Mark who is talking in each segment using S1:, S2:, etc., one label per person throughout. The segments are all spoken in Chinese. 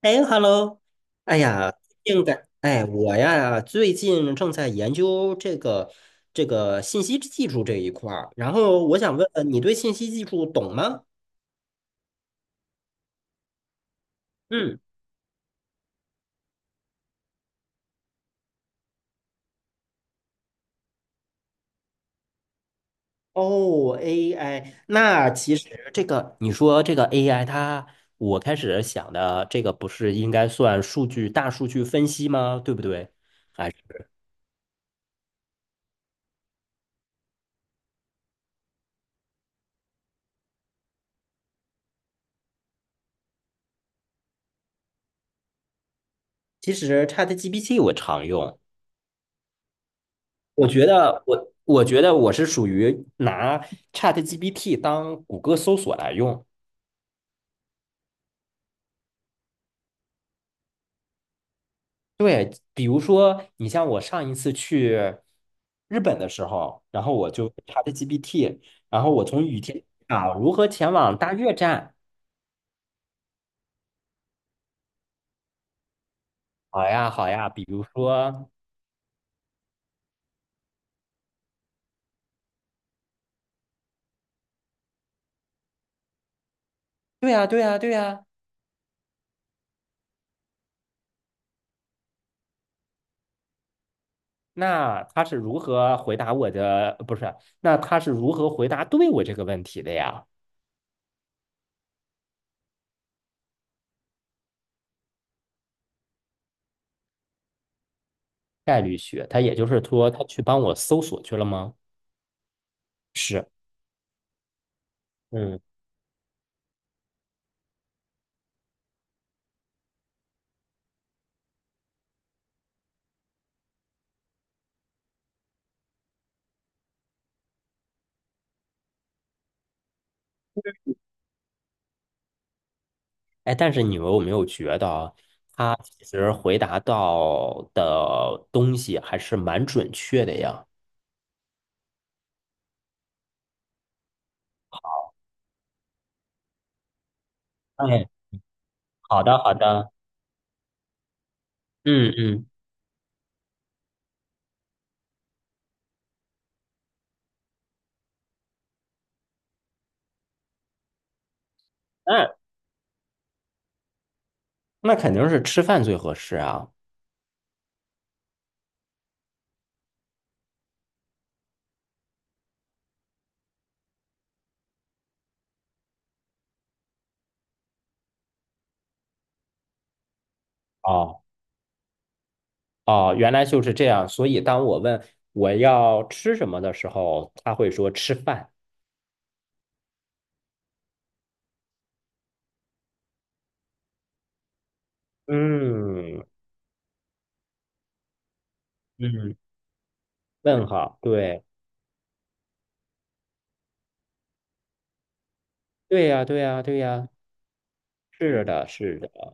S1: 哎，Hello，哎呀，最近感哎，嗯我呀，最近正在研究这个信息技术这一块儿，然后我想问问你对信息技术懂吗？嗯，哦，AI，那其实这个你说这个 AI，我开始想的这个不是应该算数据大数据分析吗？对不对？还是其实 ChatGPT 我常用。我觉得我是属于拿 ChatGPT 当谷歌搜索来用。比如说，你像我上一次去日本的时候，然后我就 ChatGPT，然后我从雨天啊如何前往大月站？好呀，好呀。比如说，对呀，对呀，对呀。那他是如何回答我的？不是，那他是如何回答对我这个问题的呀？概率学，他也就是说，他去帮我搜索去了吗？是。嗯。哎，但是你们有没有觉得啊他其实回答到的东西还是蛮准确的呀？哎，好的，好的，嗯嗯，那那肯定是吃饭最合适啊。哦哦，原来就是这样。所以当我问我要吃什么的时候，他会说吃饭。嗯嗯，问号，对对呀，对呀，对呀，是的，是的。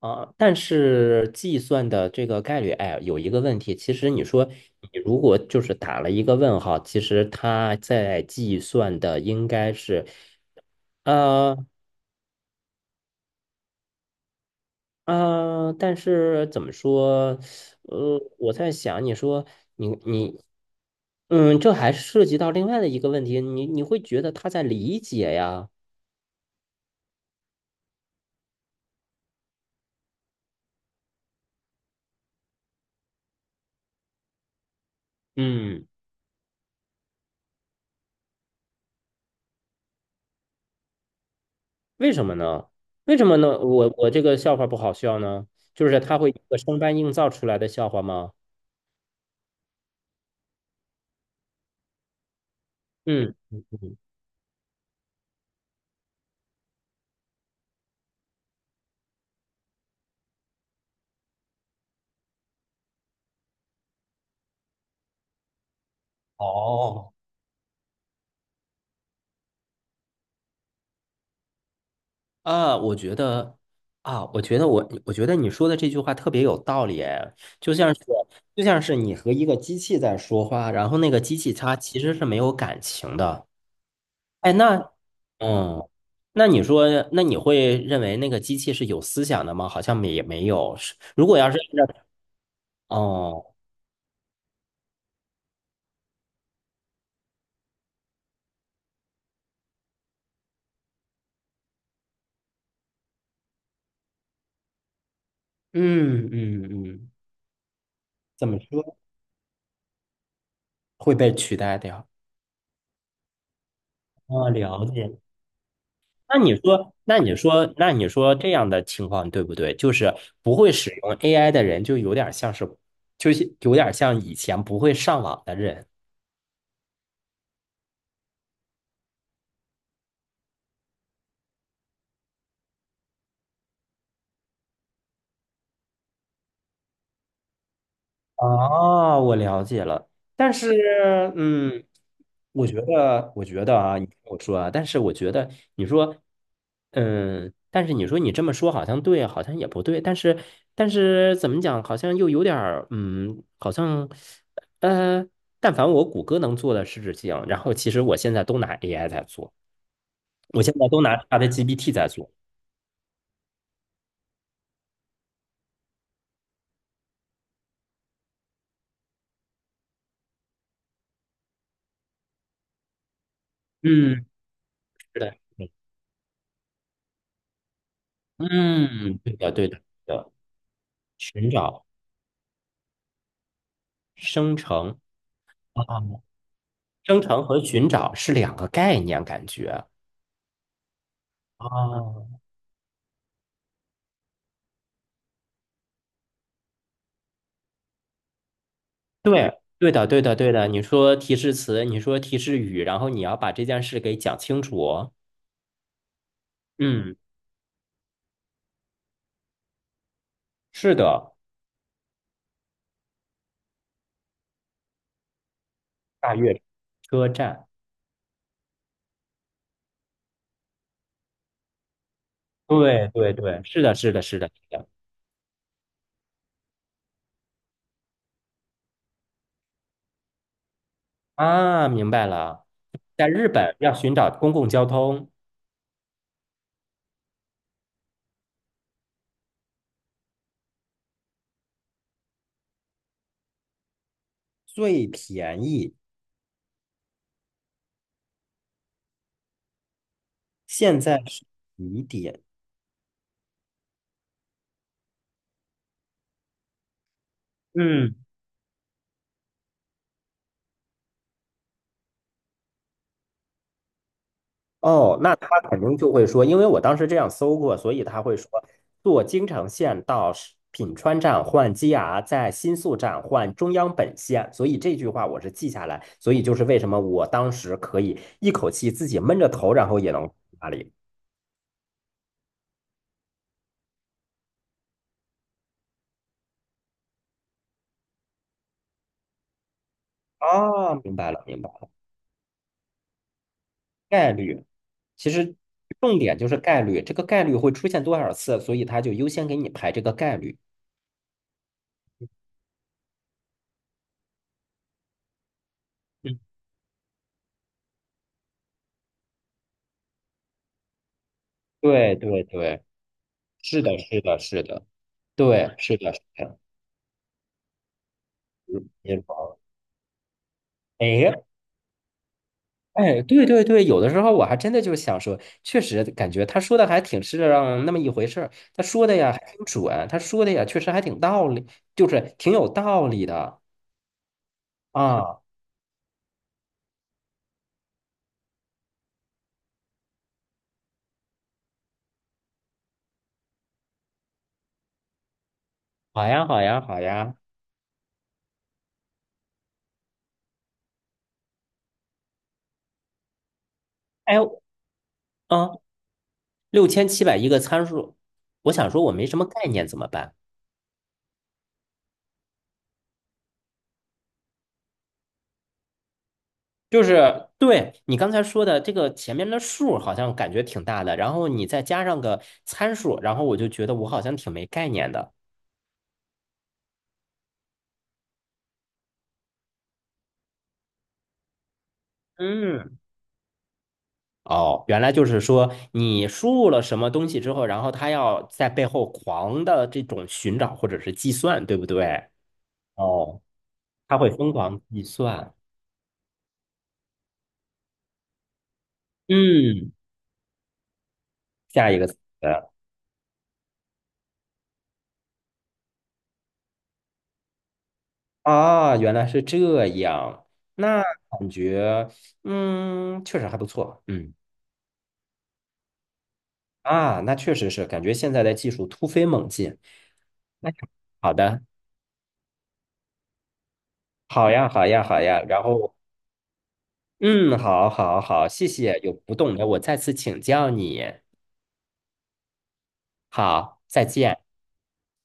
S1: 啊，但是计算的这个概率，哎，有一个问题，其实你说你如果就是打了一个问号，其实它在计算的应该是，呃但是怎么说，我在想，你说你，这还涉及到另外的一个问题，你会觉得他在理解呀，嗯，为什么呢？为什么呢？我这个笑话不好笑呢？就是他会一个生搬硬造出来的笑话吗？嗯嗯嗯，哦，啊，我觉得你说的这句话特别有道理，哎，就像是就像是你和一个机器在说话，然后那个机器它其实是没有感情的，哎，那嗯，那你说，那你会认为那个机器是有思想的吗？好像没也没有，是如果要是按照哦，嗯嗯嗯，怎么说会被取代掉？啊，了解，那你说这样的情况对不对？就是不会使用 AI 的人，就有点像是，就是有点像以前不会上网的人。啊，我了解了，但是，嗯，我觉得啊，你听我说啊，但是我觉得，你说，但是你说你这么说好像对，好像也不对，但是，怎么讲，好像又有点儿，好像，呃，但凡我谷歌能做的事情，然后其实我现在都拿 AI 在做，我现在都拿 c h a g p t 在做，嗯，是的，嗯，嗯对的，对的，对的，寻找生成。啊。生成和寻找是两个概念，感觉。哦，对，对的，对的，对的。你说提示词，你说提示语，然后你要把这件事给讲清楚。嗯，是的，大悦车站。对，对，对，是的，是的，是的，是的。啊，明白了。在日本要寻找公共交通最便宜，现在是几点？嗯。哦，那他肯定就会说，因为我当时这样搜过，所以他会说，坐京成线到是品川站换 JR，在新宿站换中央本线，所以这句话我是记下来，所以就是为什么我当时可以一口气自己闷着头，然后也能哪里啊？明白了，明白了，概率，其实重点就是概率，这个概率会出现多少次，所以他就优先给你排这个概率。嗯，对对对，是的，是的，是的，对，是的，是的。也忙。哎哎，对对对，有的时候我还真的就想说，确实感觉他说的还挺是让那么一回事儿，他说的呀还挺准，他说的呀确实还挺道理，就是挺有道理的啊。好呀，好呀，好呀。哎，嗯，六千七百一个参数，我想说我没什么概念怎么办？就是对你刚才说的这个前面的数好像感觉挺大的，然后你再加上个参数，然后我就觉得我好像挺没概念的。嗯哦，原来就是说你输入了什么东西之后，然后他要在背后狂的这种寻找或者是计算，对不对？哦，他会疯狂计算。嗯，下一个词啊，原来是这样，那感觉确实还不错。嗯啊，那确实是感觉现在的技术突飞猛进。那好的，好呀，好呀，好呀。然后嗯，好好好，谢谢，有不懂的我再次请教你。好，再见。